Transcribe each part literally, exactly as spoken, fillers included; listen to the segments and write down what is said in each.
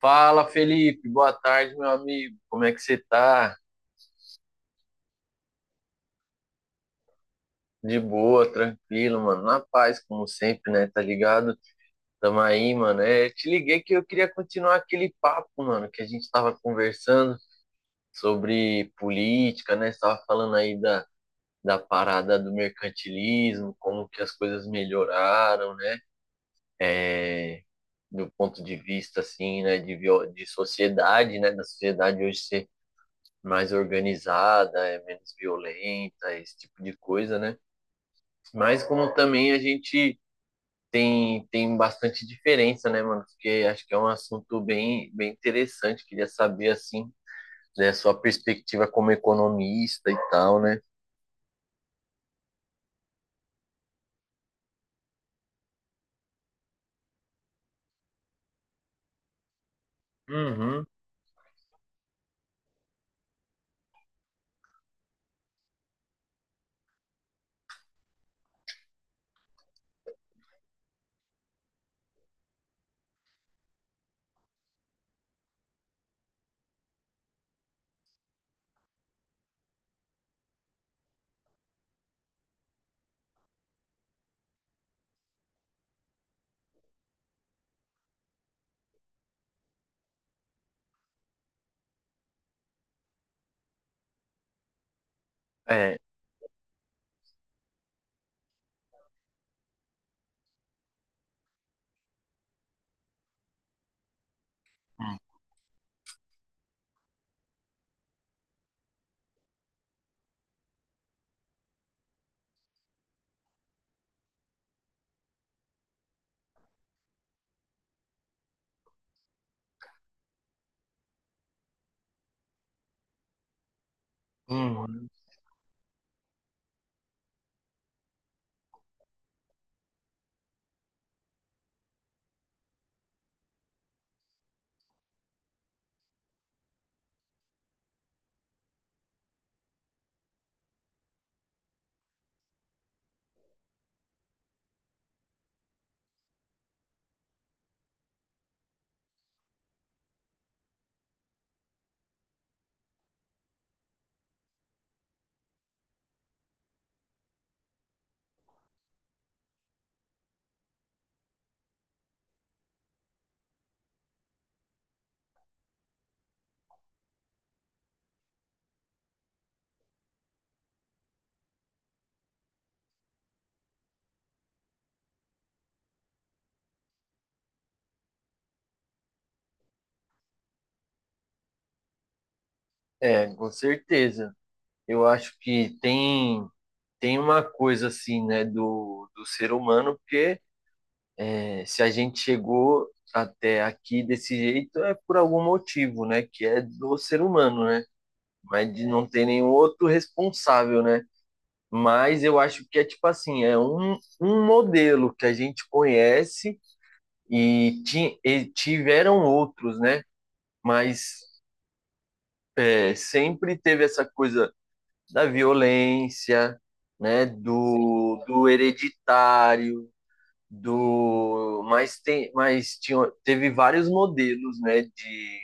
Fala, Felipe. Boa tarde, meu amigo. Como é que você tá? De boa, tranquilo, mano. Na paz, como sempre, né? Tá ligado? Tamo aí, mano. É, te liguei que eu queria continuar aquele papo, mano, que a gente tava conversando sobre política, né? Você tava falando aí da, da parada do mercantilismo, como que as coisas melhoraram, né? É, do ponto de vista, assim, né? De, viol- de sociedade, né? Da sociedade hoje mais organizada, é menos violenta, esse tipo de coisa, né? Mas como também a gente tem, tem bastante diferença, né, mano? Porque acho que é um assunto bem, bem interessante, queria saber, assim, né, sua perspectiva como economista e tal, né? Uhum. É, uhum. É, com certeza. Eu acho que tem, tem uma coisa, assim, né, do, do ser humano, porque É, se a gente chegou até aqui desse jeito é por algum motivo, né? Que é do ser humano, né? Mas de não ter nenhum outro responsável, né? Mas eu acho que é tipo assim, é um, um modelo que a gente conhece e, ti, e tiveram outros, né? Mas é, sempre teve essa coisa da violência, né? Do, do hereditário, do mas tem mas tinha, teve vários modelos, né, de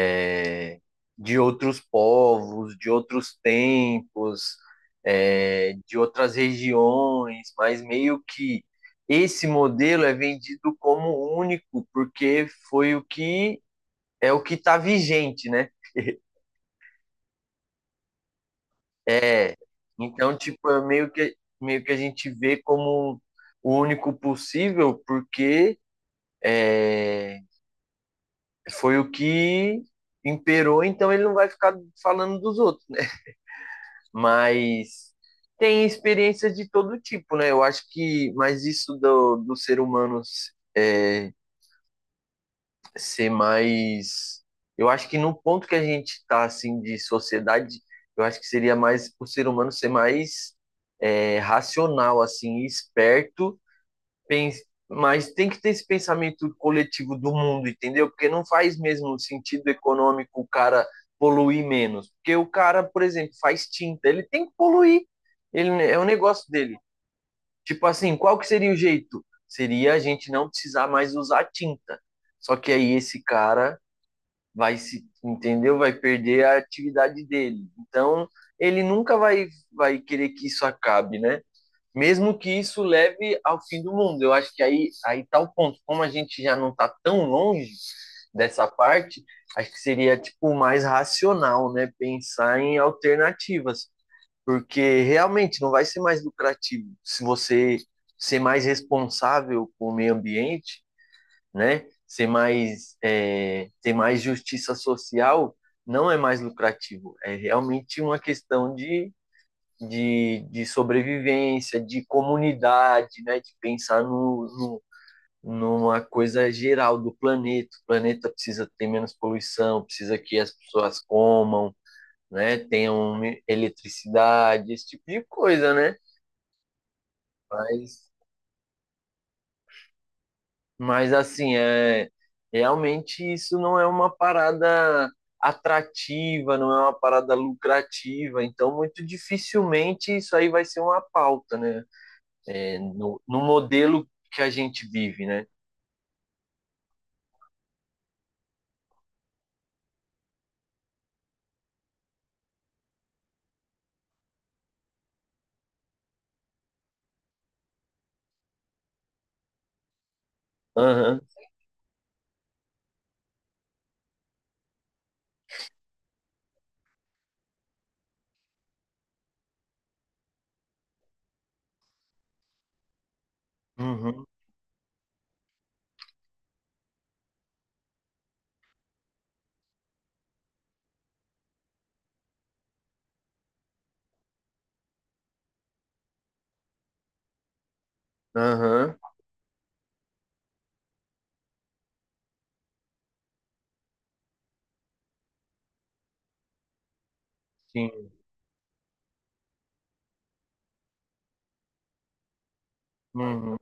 é, de outros povos, de outros tempos, é, de outras regiões, mas meio que esse modelo é vendido como único porque foi o que é o que está vigente, né? É, então tipo é meio que meio que a gente vê como o único possível porque é, foi o que imperou, então ele não vai ficar falando dos outros, né? Mas tem experiências de todo tipo, né? Eu acho que, mas isso do, do ser humano é, ser mais. Eu acho que no ponto que a gente está assim, de sociedade, eu acho que seria mais o ser humano ser mais é, racional, assim, esperto, pens- mas tem que ter esse pensamento coletivo do mundo, entendeu? Porque não faz mesmo sentido econômico o cara poluir menos. Porque o cara, por exemplo, faz tinta, ele tem que poluir. Ele, é o negócio dele. Tipo assim, qual que seria o jeito? Seria a gente não precisar mais usar tinta. Só que aí esse cara vai se, entendeu? Vai perder a atividade dele. Então, ele nunca vai, vai querer que isso acabe, né? Mesmo que isso leve ao fim do mundo. Eu acho que aí aí tá o ponto. Como a gente já não está tão longe dessa parte, acho que seria tipo mais racional, né, pensar em alternativas, porque realmente não vai ser mais lucrativo se você ser mais responsável com o meio ambiente, né? Ser mais é, ter mais justiça social não é mais lucrativo. É realmente uma questão de de, de sobrevivência, de comunidade, né? De pensar no, no, numa coisa geral do planeta. O planeta precisa ter menos poluição, precisa que as pessoas comam, né? Tenham eletricidade, esse tipo de coisa, né? Mas, mas assim, é, realmente isso não é uma parada atrativa, não é uma parada lucrativa, então muito dificilmente isso aí vai ser uma pauta, né? É, no, no modelo que a gente vive, né? Aham, uhum, aham, sim. Uhum.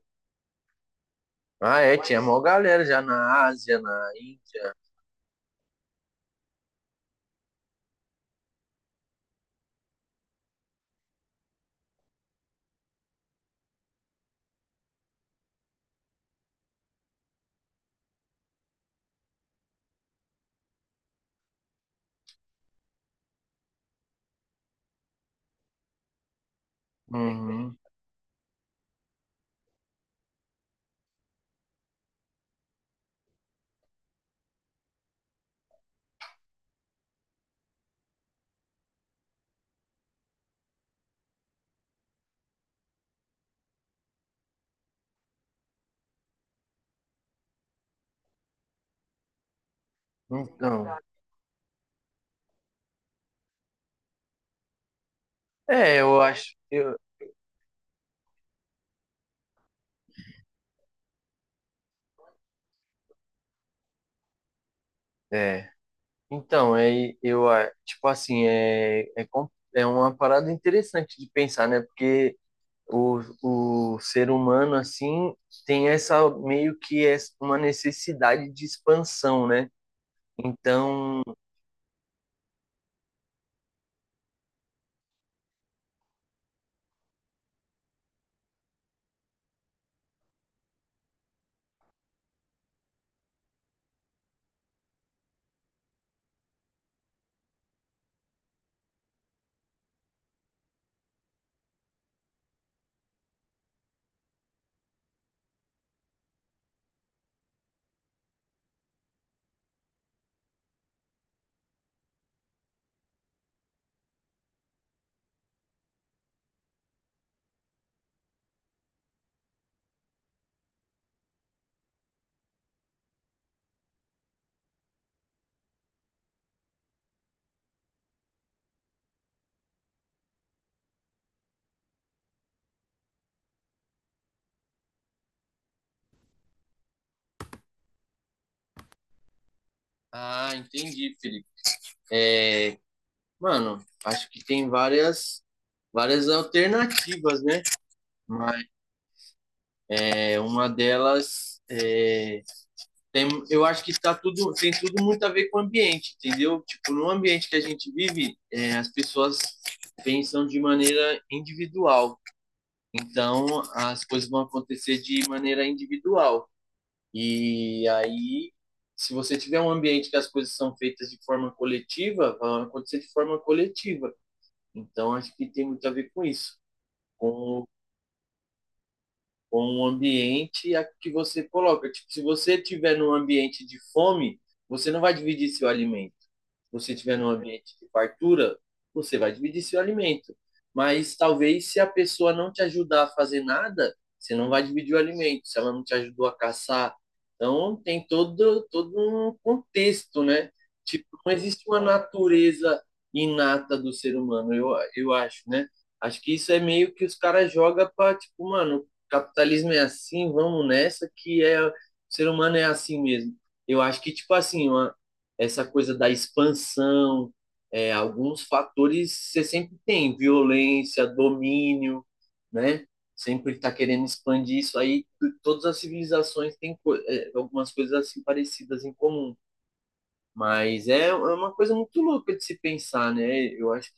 Ah, é, tinha mó galera já na Ásia, na Índia. Uhum. Então, é, eu acho, eu, é. Então, é, eu, a- tipo assim, é, é, com- é uma parada interessante de pensar, né? Porque o, o ser humano, assim, tem essa, meio que é uma necessidade de expansão, né? Então... Ah, entendi, Felipe. Mano, acho que tem várias, várias alternativas, né? Mas é, uma delas é, tem, eu acho que tá tudo, tem tudo muito a ver com o ambiente, entendeu? Tipo, no ambiente que a gente vive, é, as pessoas pensam de maneira individual. Então, as coisas vão acontecer de maneira individual. E aí, se você tiver um ambiente que as coisas são feitas de forma coletiva, vão acontecer de forma coletiva. Então, acho que tem muito a ver com isso. com com o ambiente a- que você coloca. Tipo, se você estiver num ambiente de fome, você não vai dividir seu alimento. Se você estiver num ambiente de fartura, você vai dividir seu alimento. Mas talvez se a pessoa não te ajudar a fazer nada, você não vai dividir o alimento, se ela não te ajudou a caçar. Então tem todo, todo um contexto, né? Tipo, não existe uma natureza inata do ser humano, eu, eu acho, né? Acho que isso é meio que os caras jogam para tipo, mano, capitalismo é assim, vamos nessa, que é, o ser humano é assim mesmo. Eu acho que, tipo assim, uma, essa coisa da expansão, é, alguns fatores você sempre tem, violência, domínio, né? Sempre está querendo expandir isso aí. t- Todas as civilizações têm co- é, algumas coisas assim parecidas em comum. Mas é é uma coisa muito louca de se pensar, né? Eu acho.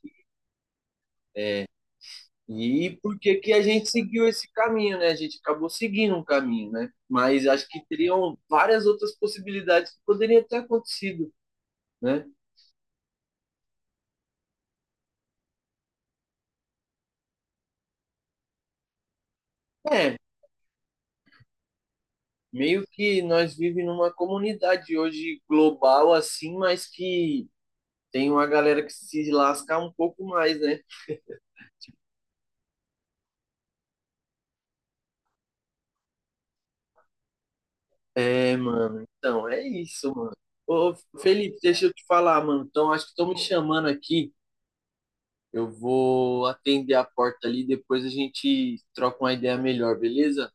E por que que a gente seguiu esse caminho, né? A gente acabou seguindo um caminho, né? Mas acho que teriam várias outras possibilidades que poderiam ter acontecido, né? É, meio que nós vivemos numa comunidade hoje global assim, mas que tem uma galera que se lasca um pouco mais, né? É, mano. Então, é isso, mano. Ô, Felipe, deixa eu te falar, mano. Então, acho que estão me chamando aqui. Eu vou atender a porta ali, depois a gente troca uma ideia melhor, beleza?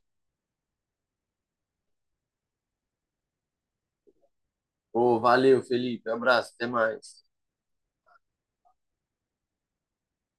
Ô, valeu, Felipe. Abraço, até mais.